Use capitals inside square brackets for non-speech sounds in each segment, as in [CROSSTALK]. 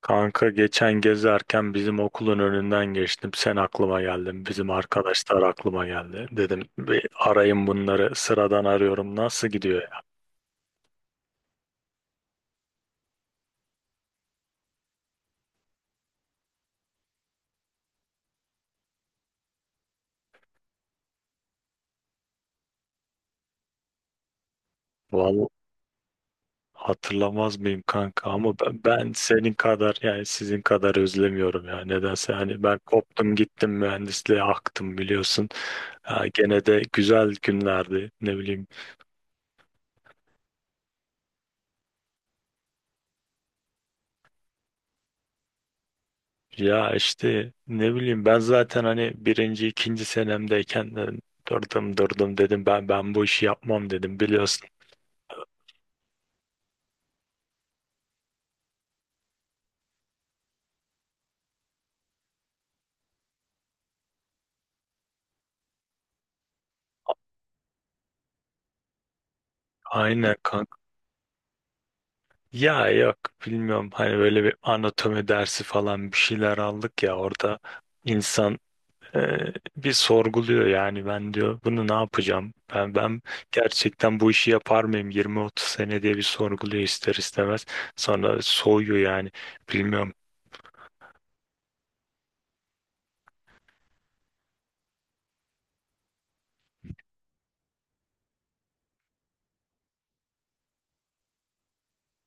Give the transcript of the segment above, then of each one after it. Kanka geçen gezerken bizim okulun önünden geçtim. Sen aklıma geldin. Bizim arkadaşlar aklıma geldi. Dedim bir arayın bunları. Sıradan arıyorum. Nasıl gidiyor ya? Vallahi hatırlamaz mıyım kanka? Ama ben senin kadar yani sizin kadar özlemiyorum ya. Nedense hani ben koptum gittim mühendisliğe aktım biliyorsun. Ha, gene de güzel günlerdi. Ne bileyim. Ya işte ne bileyim ben zaten hani birinci ikinci senemdeyken de durdum durdum dedim ben bu işi yapmam dedim biliyorsun. Aynen kanka. Ya yok, bilmiyorum hani böyle bir anatomi dersi falan bir şeyler aldık ya orada insan e, bir sorguluyor yani ben diyor bunu ne yapacağım? Ben gerçekten bu işi yapar mıyım 20-30 sene diye bir sorguluyor ister istemez. Sonra soğuyor yani bilmiyorum.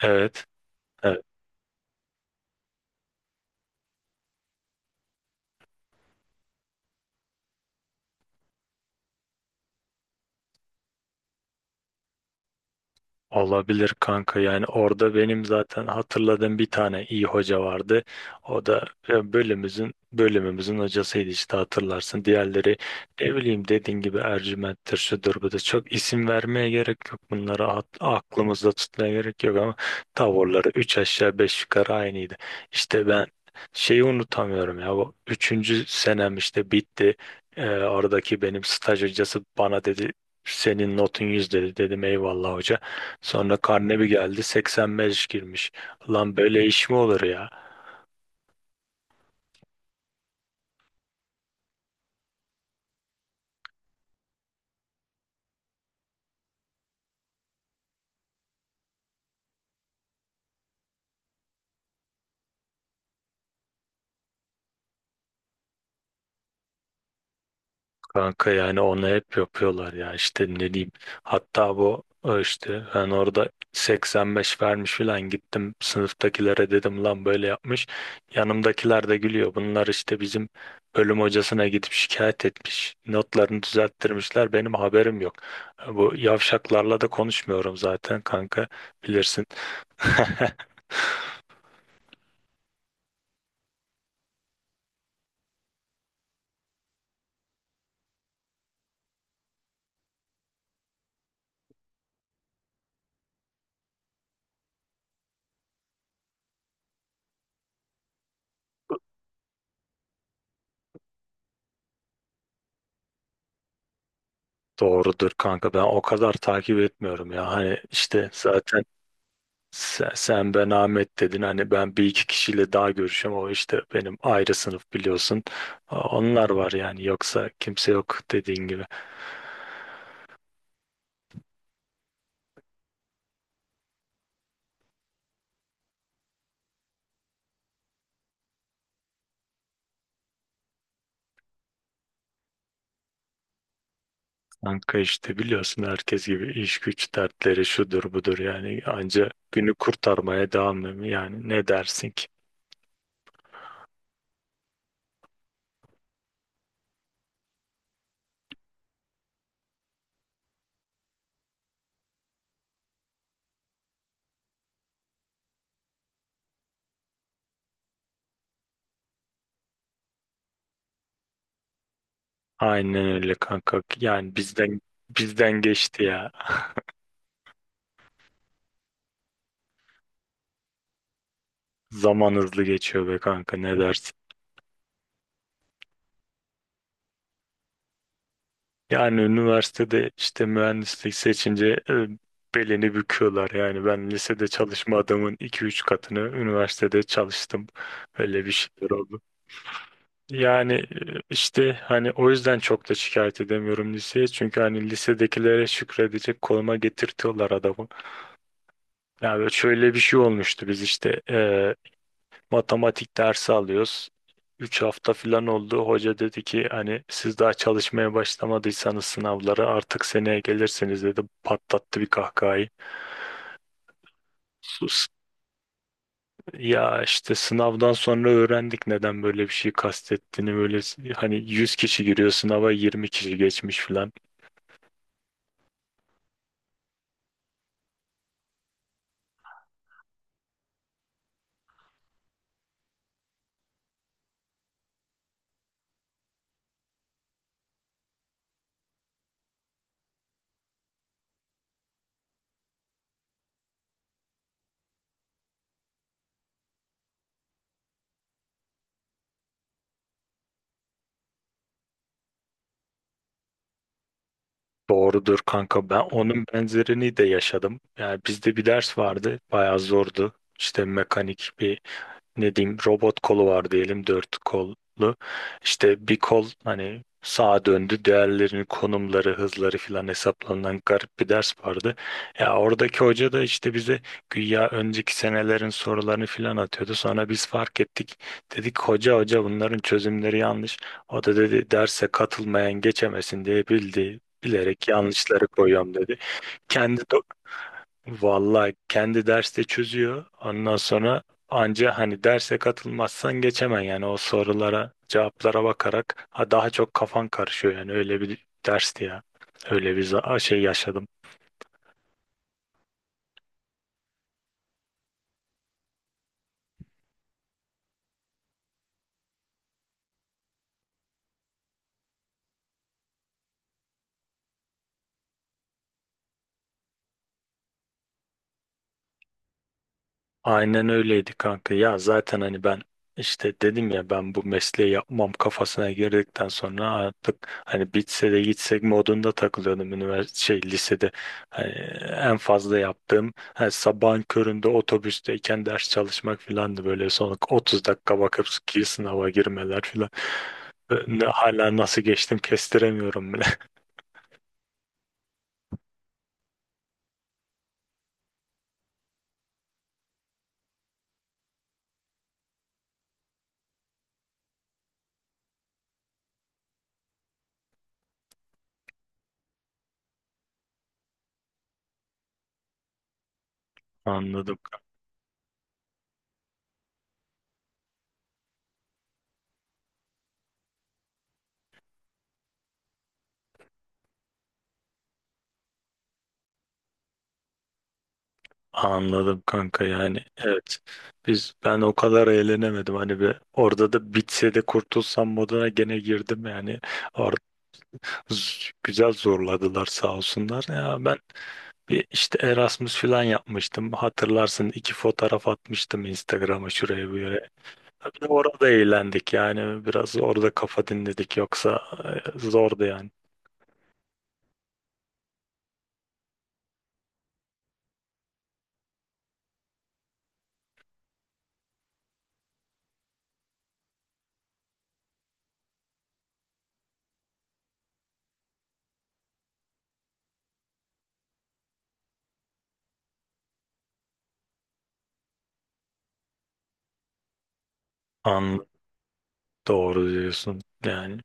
Evet. Evet. Olabilir kanka yani orada benim zaten hatırladığım bir tane iyi hoca vardı. O da bölümümüzün hocasıydı işte hatırlarsın. Diğerleri ne bileyim dediğin gibi Ercüment'tir şudur budur. Çok isim vermeye gerek yok. Bunları aklımızda tutmaya gerek yok ama tavırları üç aşağı beş yukarı aynıydı. İşte ben şeyi unutamıyorum ya bu üçüncü senem işte bitti. E, oradaki benim staj hocası bana dedi senin notun yüz dedi dedim eyvallah hoca. Sonra karne bir geldi 85 girmiş. Lan böyle iş mi olur ya? Kanka yani onu hep yapıyorlar ya işte ne diyeyim. Hatta bu o işte ben orada 85 vermiş falan gittim sınıftakilere dedim lan böyle yapmış. Yanımdakiler de gülüyor. Bunlar işte bizim bölüm hocasına gidip şikayet etmiş. Notlarını düzelttirmişler. Benim haberim yok. Bu yavşaklarla da konuşmuyorum zaten kanka, bilirsin. [LAUGHS] Doğrudur kanka, ben o kadar takip etmiyorum ya hani işte zaten sen ben Ahmet dedin hani ben bir iki kişiyle daha görüşüyorum o işte benim ayrı sınıf biliyorsun onlar var yani yoksa kimse yok dediğin gibi. Kanka işte biliyorsun herkes gibi iş güç dertleri şudur budur yani anca günü kurtarmaya devam ediyorum yani ne dersin ki? Aynen öyle kanka yani bizden geçti ya. [LAUGHS] Zaman hızlı geçiyor be kanka, ne dersin? Yani üniversitede işte mühendislik seçince belini büküyorlar. Yani ben lisede çalışma adamın iki üç katını üniversitede çalıştım. Öyle bir şeyler oldu. Yani işte hani o yüzden çok da şikayet edemiyorum liseye. Çünkü hani lisedekilere şükredecek konuma getirtiyorlar adamı. Yani şöyle bir şey olmuştu, biz işte Matematik dersi alıyoruz. 3 hafta falan oldu. Hoca dedi ki hani siz daha çalışmaya başlamadıysanız sınavlara artık seneye gelirsiniz dedi. Patlattı bir kahkahayı. Sus. Ya işte sınavdan sonra öğrendik neden böyle bir şey kastettiğini. Böyle hani 100 kişi giriyor sınava 20 kişi geçmiş falan. Doğrudur kanka, ben onun benzerini de yaşadım. Yani bizde bir ders vardı, bayağı zordu. İşte mekanik bir ne diyeyim robot kolu var diyelim, dört kollu. İşte bir kol hani sağa döndü, diğerlerinin konumları hızları filan hesaplanan garip bir ders vardı. Ya oradaki hoca da işte bize güya önceki senelerin sorularını filan atıyordu. Sonra biz fark ettik. Dedik hoca hoca bunların çözümleri yanlış. O da dedi derse katılmayan geçemesin diye bildi. Bilerek yanlışları koyuyorum dedi. Kendi do- Vallahi kendi derste çözüyor. Ondan sonra anca hani derse katılmazsan geçemen yani o sorulara, cevaplara bakarak ha daha çok kafan karışıyor yani öyle bir dersti ya. Öyle bir şey yaşadım. Aynen öyleydi kanka. Ya zaten hani ben işte dedim ya ben bu mesleği yapmam kafasına girdikten sonra artık hani bitse de gitsek modunda takılıyordum üniversite şey lisede. Hani en fazla yaptığım hani sabahın köründe otobüsteyken ders çalışmak filandı, böyle son 30 dakika bakıp ki sınava girmeler filan. Hala nasıl geçtim kestiremiyorum bile. [LAUGHS] Anladım. Anladım kanka yani evet, ben o kadar eğlenemedim hani bir orada da bitse de kurtulsam moduna gene girdim yani orada güzel zorladılar sağ olsunlar ya ben bir işte Erasmus falan yapmıştım hatırlarsın iki fotoğraf atmıştım Instagram'a şuraya bu yere, bir de orada eğlendik yani biraz orada kafa dinledik yoksa zordu yani. an doğru diyorsun yani.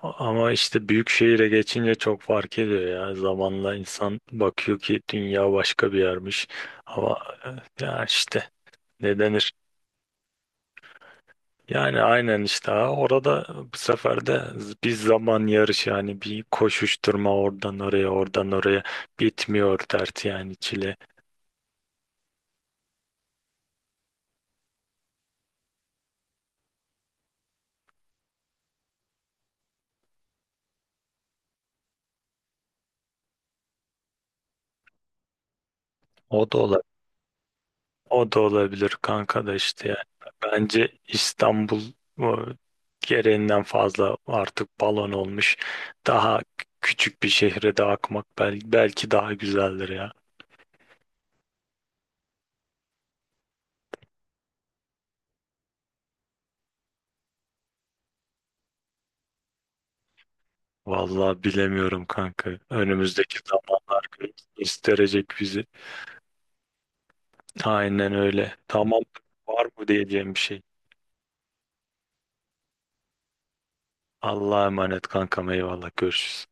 Ama işte büyük şehire geçince çok fark ediyor ya. Zamanla insan bakıyor ki dünya başka bir yermiş. Ama ya işte ne denir? Yani aynen işte ha, orada bu sefer de bir zaman yarışı yani bir koşuşturma oradan oraya oradan oraya, bitmiyor dert yani çile. O da O da olabilir kanka da işte yani. Bence İstanbul o, gereğinden fazla artık balon olmuş. Daha küçük bir şehre de akmak belki daha güzeldir ya. Vallahi bilemiyorum kanka. Önümüzdeki zamanlar gösterecek bizi. Aynen öyle. Tamam. Var mı diyeceğim bir şey? Allah'a emanet kankam, eyvallah görüşürüz.